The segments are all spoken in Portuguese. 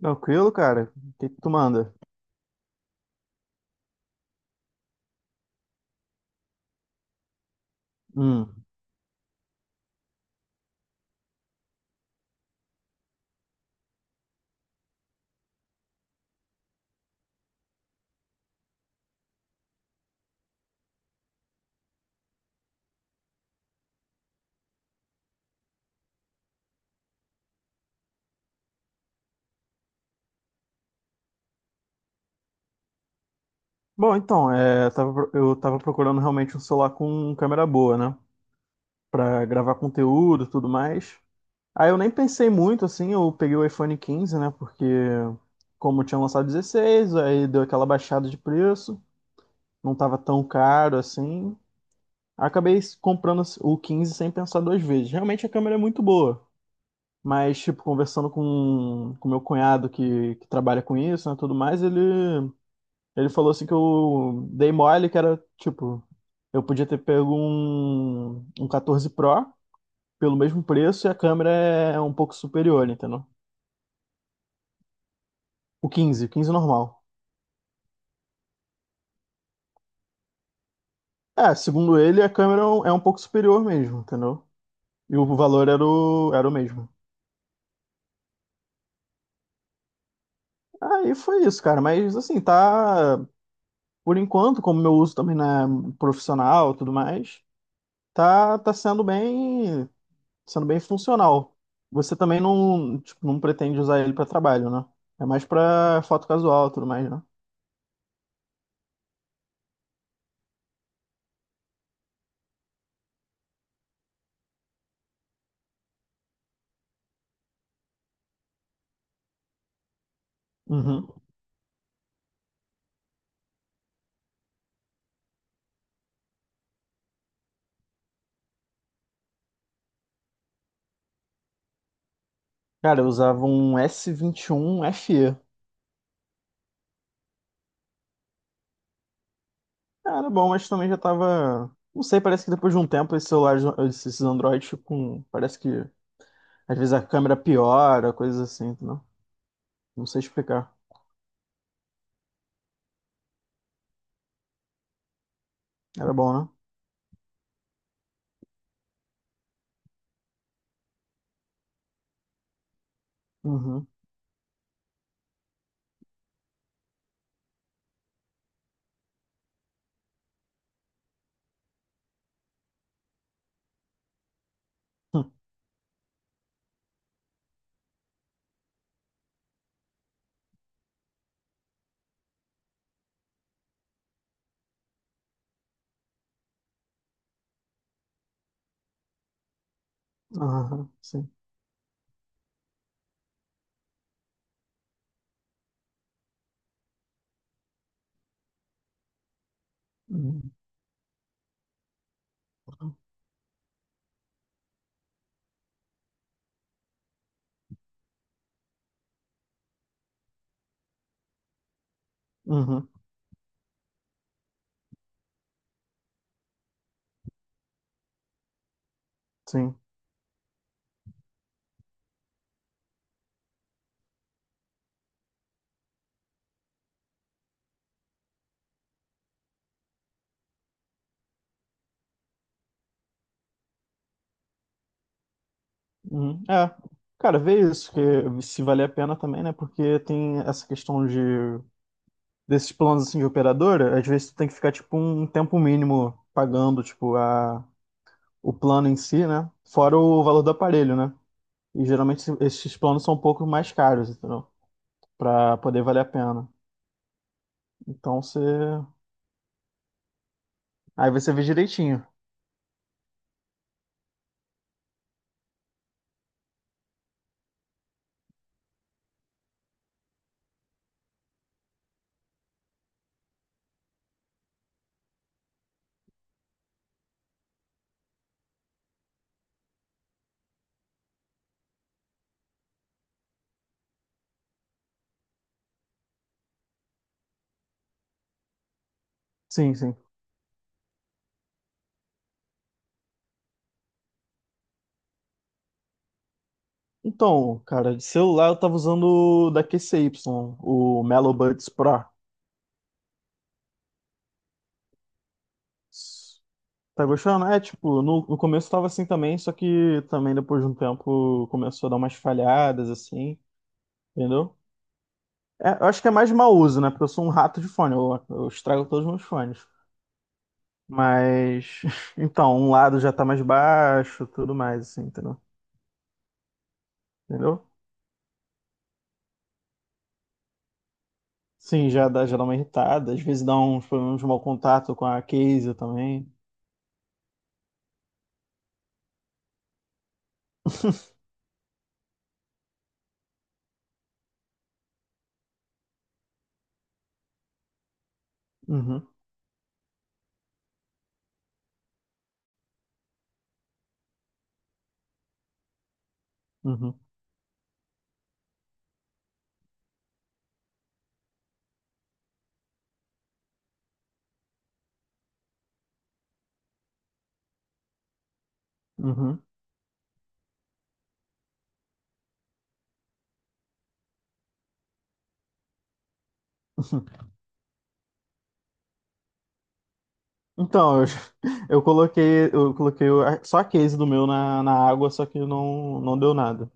Tranquilo, cara? O que que tu manda? Hum. Bom, então, é, eu tava eu tava procurando realmente um celular com câmera boa, né? Pra gravar conteúdo e tudo mais. Aí eu nem pensei muito, assim, eu peguei o iPhone 15, né? Porque como tinha lançado 16, aí deu aquela baixada de preço, não tava tão caro assim. Acabei comprando o 15 sem pensar duas vezes. Realmente a câmera é muito boa, mas, tipo, conversando com meu cunhado que trabalha com isso, né, tudo mais, ele falou assim que eu dei mole, que era tipo, eu podia ter pego um 14 Pro pelo mesmo preço e a câmera é um pouco superior, entendeu? O 15, o 15 normal. É, segundo ele, a câmera é um pouco superior mesmo, entendeu? E o valor era o mesmo. Aí foi isso, cara. Mas assim, tá. Por enquanto, como meu uso também não é profissional e tudo mais, tá sendo bem funcional. Você também não, tipo, não pretende usar ele para trabalho, né? É mais para foto casual, e tudo mais, né? Uhum. Cara, eu usava um S21 vinte e FE. Cara, bom, mas também já tava. Não sei, parece que depois de um tempo esses celulares, esses Androids com. Parece que às vezes a câmera piora, coisas assim, entendeu? Não sei explicar. Era bom, né? Uhum. Hum. Aham, sim. Uhum. Uhum. Sim. Uhum. É, cara, vê isso, que se valer a pena também, né? Porque tem essa questão de desses planos assim de operadora, às vezes tu tem que ficar tipo um tempo mínimo pagando, tipo, a, o plano em si, né? Fora o valor do aparelho, né? E geralmente esses planos são um pouco mais caros, entendeu? Pra poder valer a pena. Então você. Aí você vê direitinho. Sim, sim. Então, cara, de celular eu tava usando o da QCY, o Melo Buds Pro. Tá gostando? É, tipo, no começo tava assim também, só que também depois de um tempo começou a dar umas falhadas, assim, entendeu? É, eu acho que é mais mau uso, né? Porque eu sou um rato de fone, eu estrago todos os meus fones. Mas, então, um lado já tá mais baixo, tudo mais, assim, entendeu? Entendeu? Sim, já dá uma irritada, às vezes dá uns problemas de mau contato com a case também. Uhum, uhum, uhum. Então, eu coloquei, só a case do meu na água, só que não deu nada.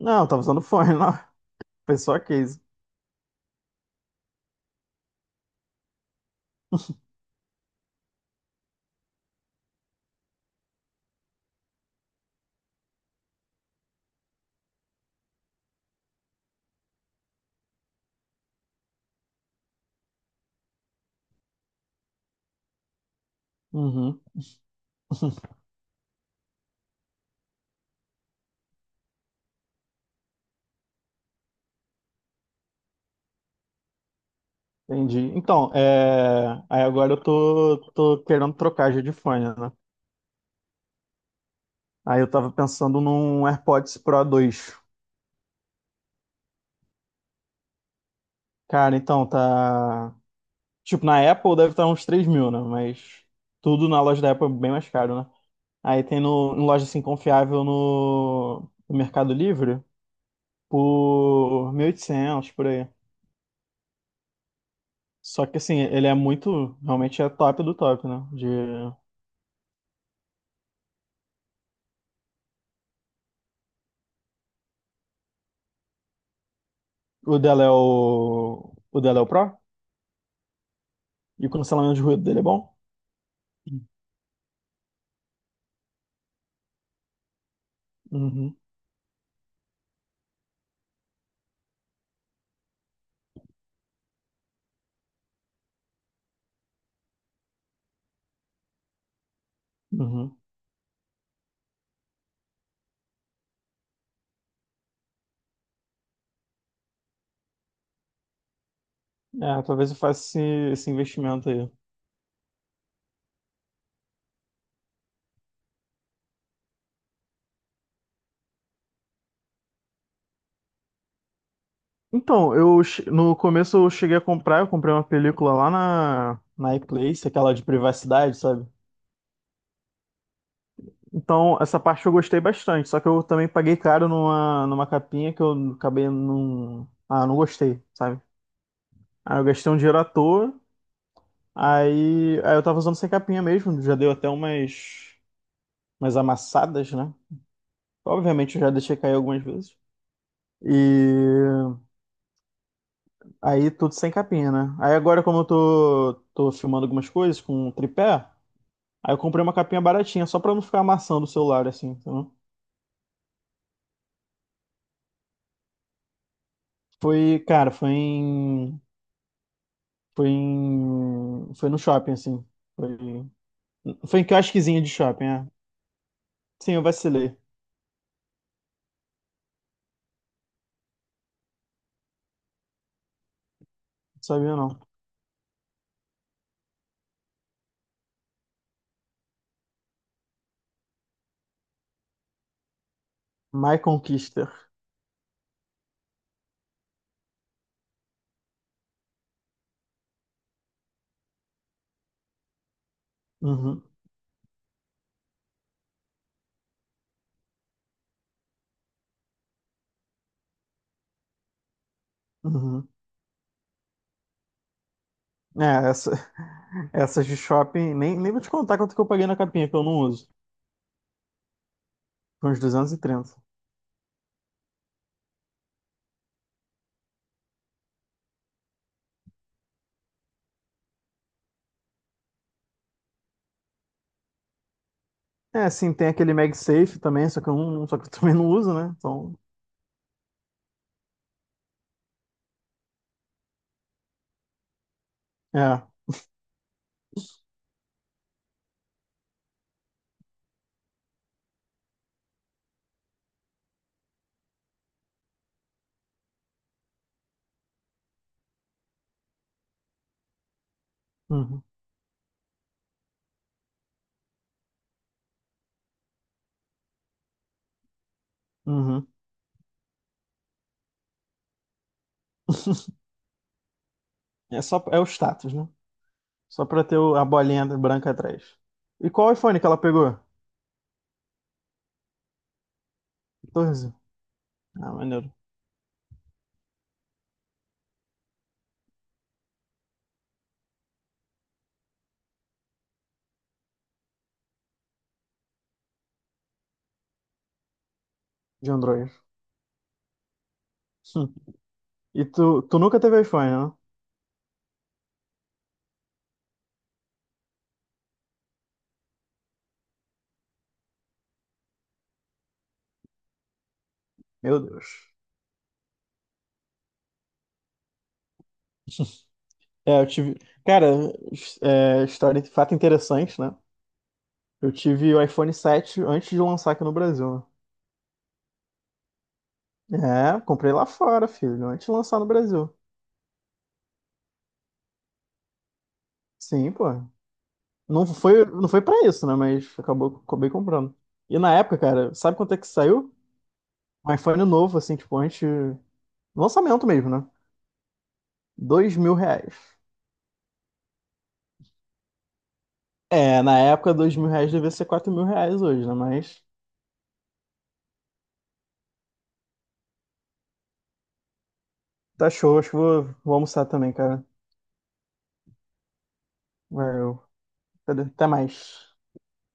Não, eu tava usando fone, não. Foi só a case. Uhum, entendi. Então, é, aí agora eu tô querendo trocar já de fone, né? Aí eu tava pensando num AirPods Pro 2. Cara, então, tá. Tipo, na Apple deve estar uns 3 mil, né? Mas tudo na loja da Apple é bem mais caro, né? Aí tem no, em loja assim confiável no Mercado Livre, por 1.800, por aí. Só que assim, ele é muito, realmente é top do top, né? De... O dela é o... O dela é o Pro? E o cancelamento de ruído dele é bom? Uhum, uhum. É, talvez eu faça esse investimento aí. Então, eu no começo eu cheguei a comprar, eu comprei uma película lá na iPlace, aquela de privacidade, sabe? Então, essa parte eu gostei bastante, só que eu também paguei caro numa capinha que eu acabei não. Ah, não gostei, sabe? Aí eu gastei um dinheiro à toa. Aí eu tava usando sem capinha mesmo. Já deu até umas amassadas, né? Obviamente eu já deixei cair algumas vezes. E aí tudo sem capinha, né? Aí agora, como eu tô filmando algumas coisas com tripé, aí eu comprei uma capinha baratinha, só pra não ficar amassando o celular, assim, entendeu? Foi, cara, foi em. Foi em. foi no shopping, assim. Foi, foi em quiosquezinho de shopping, é. Sim, eu vacilei. Não sabia não. My Conquister. Uhum. Uhum. É, essa, essas de shopping, nem vou te contar quanto que eu paguei na capinha, que eu não uso. Foi uns 230. É, sim, tem aquele MagSafe também, só que eu também não uso, né? Então, é. Uhum. Uhum. É só, é o status, né? Só pra ter o- a bolinha branca atrás. E qual iPhone que ela pegou? 14. Ah, maneiro. De Android. Hum. E tu nunca teve iPhone, né? Meu Deus. É, eu tive. Cara, é, história, fato interessante, né? Eu tive o iPhone 7 antes de lançar aqui no Brasil, né? É, comprei lá fora, filho, antes de lançar no Brasil. Sim, pô. Não foi pra isso, né? Mas acabou, acabei comprando. E na época, cara, sabe quanto é que saiu? Um iPhone novo, assim, tipo, antes. Lançamento mesmo, né? R$ 2.000. É, na época, R$ 2.000 devia ser R$ 4.000 hoje, né? Mas tá show, acho que vou almoçar também, cara. Valeu. Até mais.